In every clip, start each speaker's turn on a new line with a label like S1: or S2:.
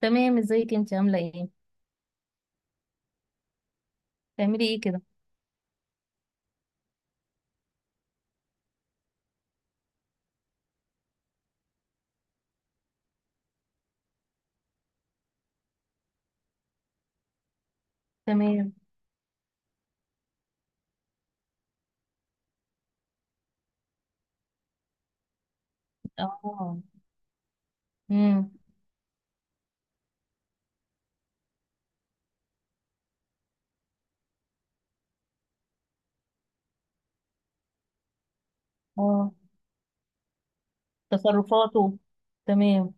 S1: تمام، ازيك انت عامله ايه؟ تعملي ايه كده؟ تمام. اه. امم. اه. تصرفاته. تمام.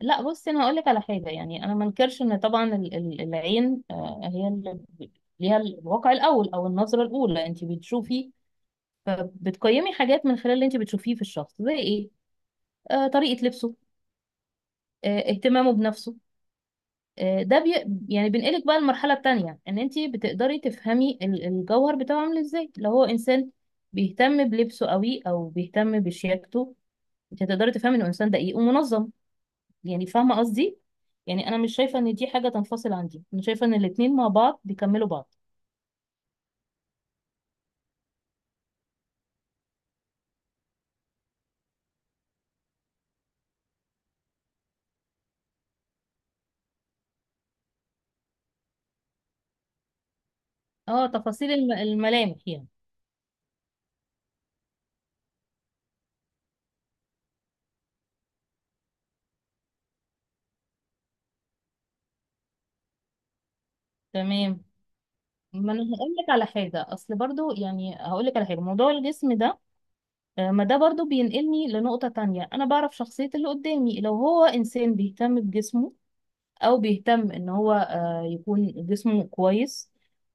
S1: لا، بصي، انا هقول لك على حاجه. يعني انا ما انكرش ان طبعا العين هي اللي ليها الواقع الاول او النظره الاولى، انت بتشوفي، فبتقيمي حاجات من خلال اللي انت بتشوفيه في الشخص. زي ايه؟ طريقه لبسه، اهتمامه بنفسه، آه، ده بي... يعني بينقلك بقى المرحلة التانية، ان انت بتقدري تفهمي الجوهر بتاعه عامل ازاي. لو هو انسان بيهتم بلبسه قوي او بيهتم بشياكته، انت هتقدري تفهمي انه انسان دقيق ومنظم. يعني فاهمة قصدي؟ يعني انا مش شايفة ان دي حاجة تنفصل، عندي انا شايفة ان الاتنين مع بعض بيكملوا بعض. اه، تفاصيل الملامح يعني. تمام. ما انا هقول لك على حاجة، اصل برضو يعني هقول لك على حاجة، موضوع الجسم ده. ما ده برضو بينقلني لنقطة تانية، أنا بعرف شخصية اللي قدامي. لو هو إنسان بيهتم بجسمه أو بيهتم إن هو يكون جسمه كويس،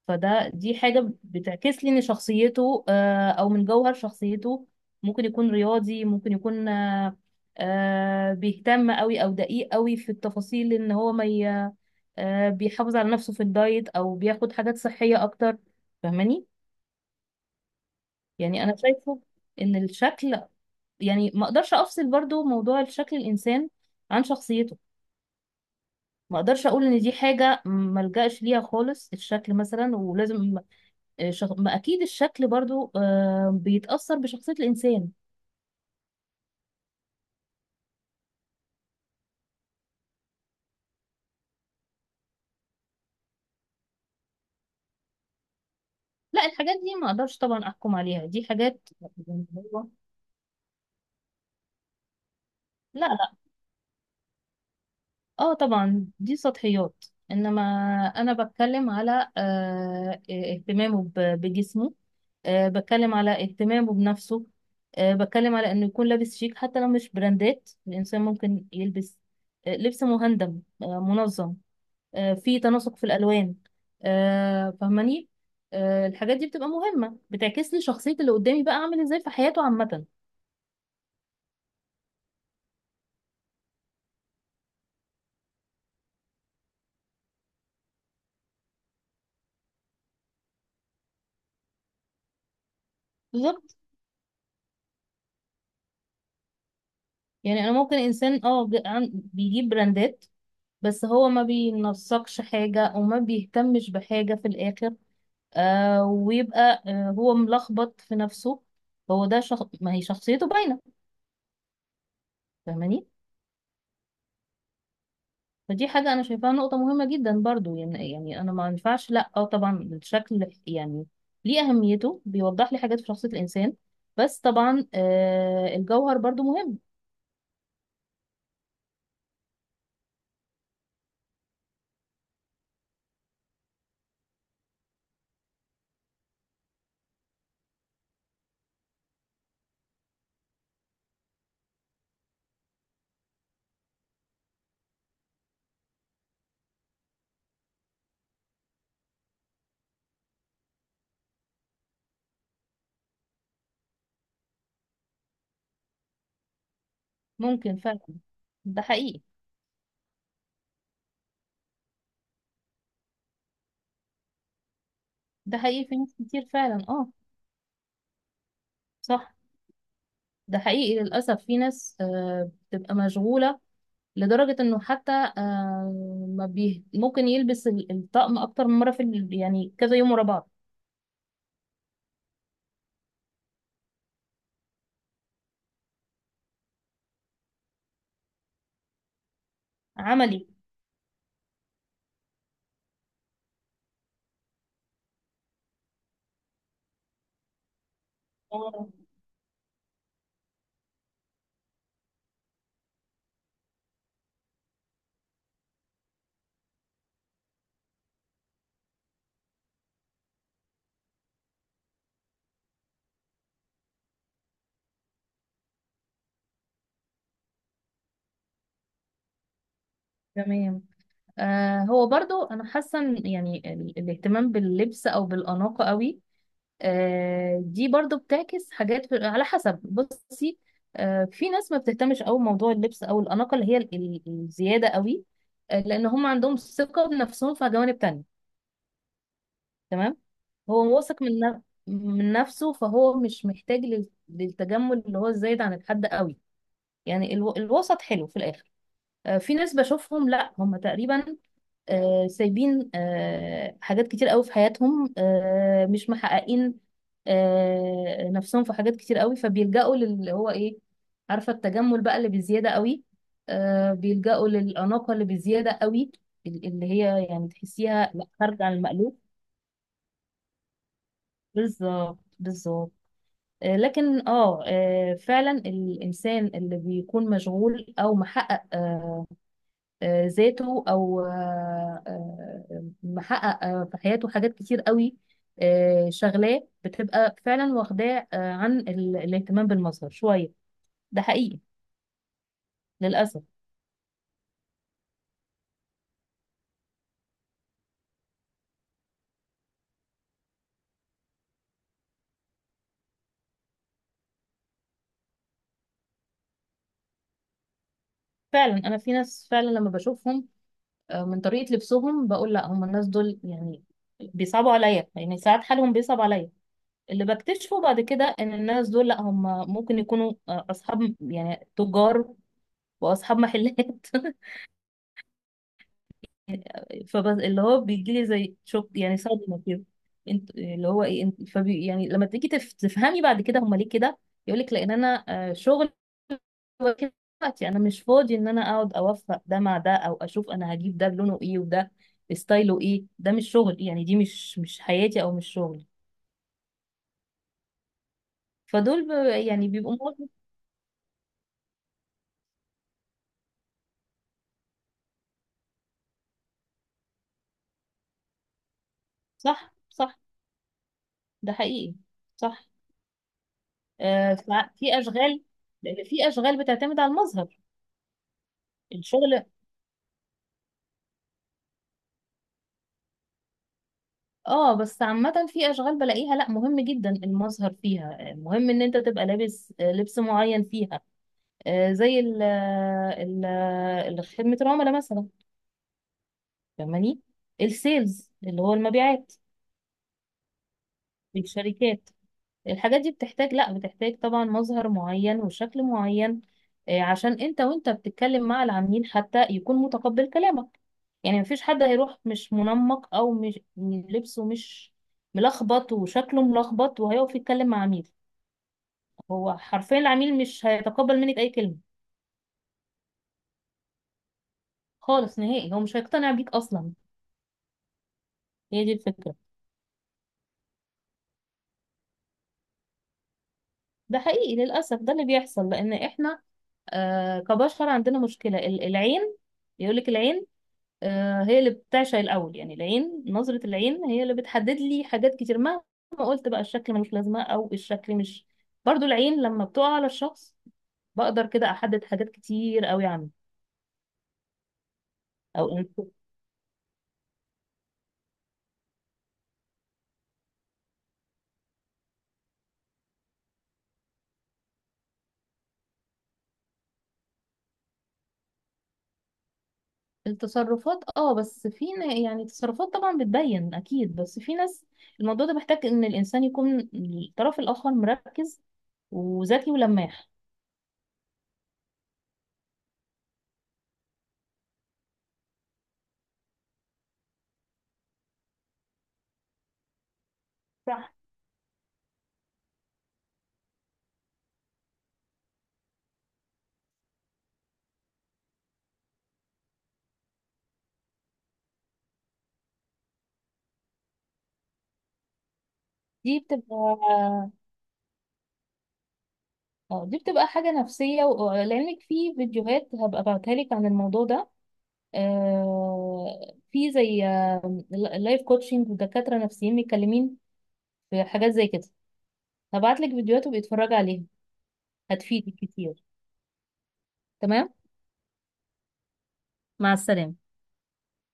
S1: فده دي حاجة بتعكس لي إن شخصيته أو من جوهر شخصيته. ممكن يكون رياضي، ممكن يكون بيهتم أوي أو دقيق أوي في التفاصيل، إن هو ما ي- بيحافظ على نفسه في الدايت أو بياخد حاجات صحية أكتر. فاهماني؟ يعني انا شايفه ان الشكل، يعني ما اقدرش افصل برضو موضوع الشكل الانسان عن شخصيته. ما اقدرش اقول ان دي حاجه ما الجاش ليها خالص، الشكل مثلا ولازم ما اكيد الشكل برضو بيتاثر بشخصيه الانسان. لا، الحاجات دي ما اقدرش طبعا احكم عليها، دي حاجات. هو. لا. اه، طبعا دي سطحيات، انما انا بتكلم على آه، إيه، اهتمامه بجسمه، بتكلم على اهتمامه بنفسه، بتكلم على انه يكون لابس شيك حتى لو مش براندات. الانسان ممكن يلبس لبس مهندم، منظم، في تناسق في الالوان، فاهماني؟ الحاجات دي بتبقى مهمة، بتعكس لي شخصية اللي قدامي بقى عامل ازاي في حياته عامة. بالظبط. يعني انا ممكن انسان بيجيب براندات، بس هو ما بينسقش حاجة وما بيهتمش بحاجة في الآخر. ويبقى هو ملخبط في نفسه. هو ده ما هي شخصيته باينة. فاهماني؟ فدي حاجة أنا شايفاها نقطة مهمة جدا برضو. يعني أنا ما ينفعش، لأ أو طبعا الشكل يعني ليه أهميته، بيوضح لي حاجات في شخصية الإنسان، بس طبعا الجوهر برضو مهم. ممكن فعلا، ده حقيقي. ده حقيقي، في ناس كتير فعلا، اه. صح. ده حقيقي للأسف، في ناس بتبقى مشغولة لدرجة انه حتى آه، ما بيه ممكن يلبس الطقم اكتر من مرة في يعني كذا يوم ورا بعض. عملي. آه. تمام. هو برضو، انا حاسة إن يعني الاهتمام باللبس او بالاناقة قوي، دي برضو بتعكس حاجات على حسب، بصي. في ناس ما بتهتمش قوي موضوع اللبس او الاناقة، اللي هي الزيادة قوي، لان هم عندهم ثقة بنفسهم في جوانب تانية. تمام. هو واثق من نفسه، فهو مش محتاج للتجمل اللي هو الزايد عن الحد قوي. يعني الوسط حلو في الاخر. في ناس بشوفهم، لا هم تقريبا سايبين حاجات كتير قوي في حياتهم، مش محققين نفسهم في حاجات كتير قوي، فبيلجأوا للي هو ايه؟ عارفة، التجمل بقى اللي بزيادة قوي، بيلجأوا للأناقة اللي بزيادة قوي، اللي هي يعني تحسيها لا، خارجة عن المألوف. بالظبط، بالظبط. آه، لكن اه آه، فعلا الانسان اللي بيكون مشغول او محقق ذاته، او محقق في حياته حاجات كتير قوي، شغلاه بتبقى فعلا واخداه عن الاهتمام بالمظهر شويه. ده حقيقي للاسف. فعلا انا في ناس فعلا لما بشوفهم من طريقه لبسهم بقول لا هم، الناس دول يعني بيصعبوا عليا، يعني ساعات حالهم بيصعب عليا. اللي بكتشفه بعد كده، ان الناس دول لا هم ممكن يكونوا اصحاب يعني تجار واصحاب محلات فبس اللي هو بيجي لي زي شوك، يعني صدمه كده. انت اللي هو ايه، انت فبي يعني لما تيجي تفهمي بعد كده هم ليه كده، يقول لك، لان انا شغل واكل وقتي، انا مش فاضي ان انا اقعد اوفق ده مع ده، او اشوف انا هجيب ده لونه ايه وده ستايله ايه. ده مش شغل يعني، دي مش حياتي او مش شغلي. فدول، يعني بيبقوا مواقف. صح، صح. ده حقيقي. صح. ففي اشغال، لان في اشغال بتعتمد على المظهر، الشغل. اه، بس عامة في اشغال بلاقيها لا، مهم جدا المظهر فيها، مهم ان انت تبقى لابس لبس معين فيها. زي خدمة العملاء مثلا. فاهماني؟ السيلز، اللي هو المبيعات في الشركات. الحاجات دي بتحتاج، لا بتحتاج طبعا مظهر معين وشكل معين، عشان انت وانت بتتكلم مع العميل حتى يكون متقبل كلامك. يعني مفيش حد هيروح مش منمق او مش لبسه، مش ملخبط وشكله ملخبط، وهيقف يتكلم مع عميل. هو حرفيا العميل مش هيتقبل منك اي كلمة، خالص نهائي، هو مش هيقتنع بيك اصلا. هي دي الفكرة. ده حقيقي للأسف، ده اللي بيحصل، لأن احنا كبشر عندنا مشكلة العين. يقولك العين هي اللي بتعشق الأول، يعني العين، نظرة العين هي اللي بتحدد لي حاجات كتير، مهما قلت بقى الشكل ملوش لازمة أو الشكل مش، برضو العين لما بتقع على الشخص بقدر كده أحدد حاجات كتير قوي عنه. أو إن- التصرفات، اه بس يعني التصرفات طبعا بتبين أكيد، بس في ناس الموضوع ده محتاج إن الإنسان يكون الطرف الآخر مركز وذكي ولماح. صح. دي بتبقى اه، دي بتبقى حاجة نفسية لأنك في فيديوهات هبقى ابعتها لك عن الموضوع ده، في زي لايف كوتشنج ودكاترة نفسيين متكلمين في حاجات زي كده، هبعت لك فيديوهات وبيتفرج عليها، هتفيدك كتير. تمام. مع السلامة.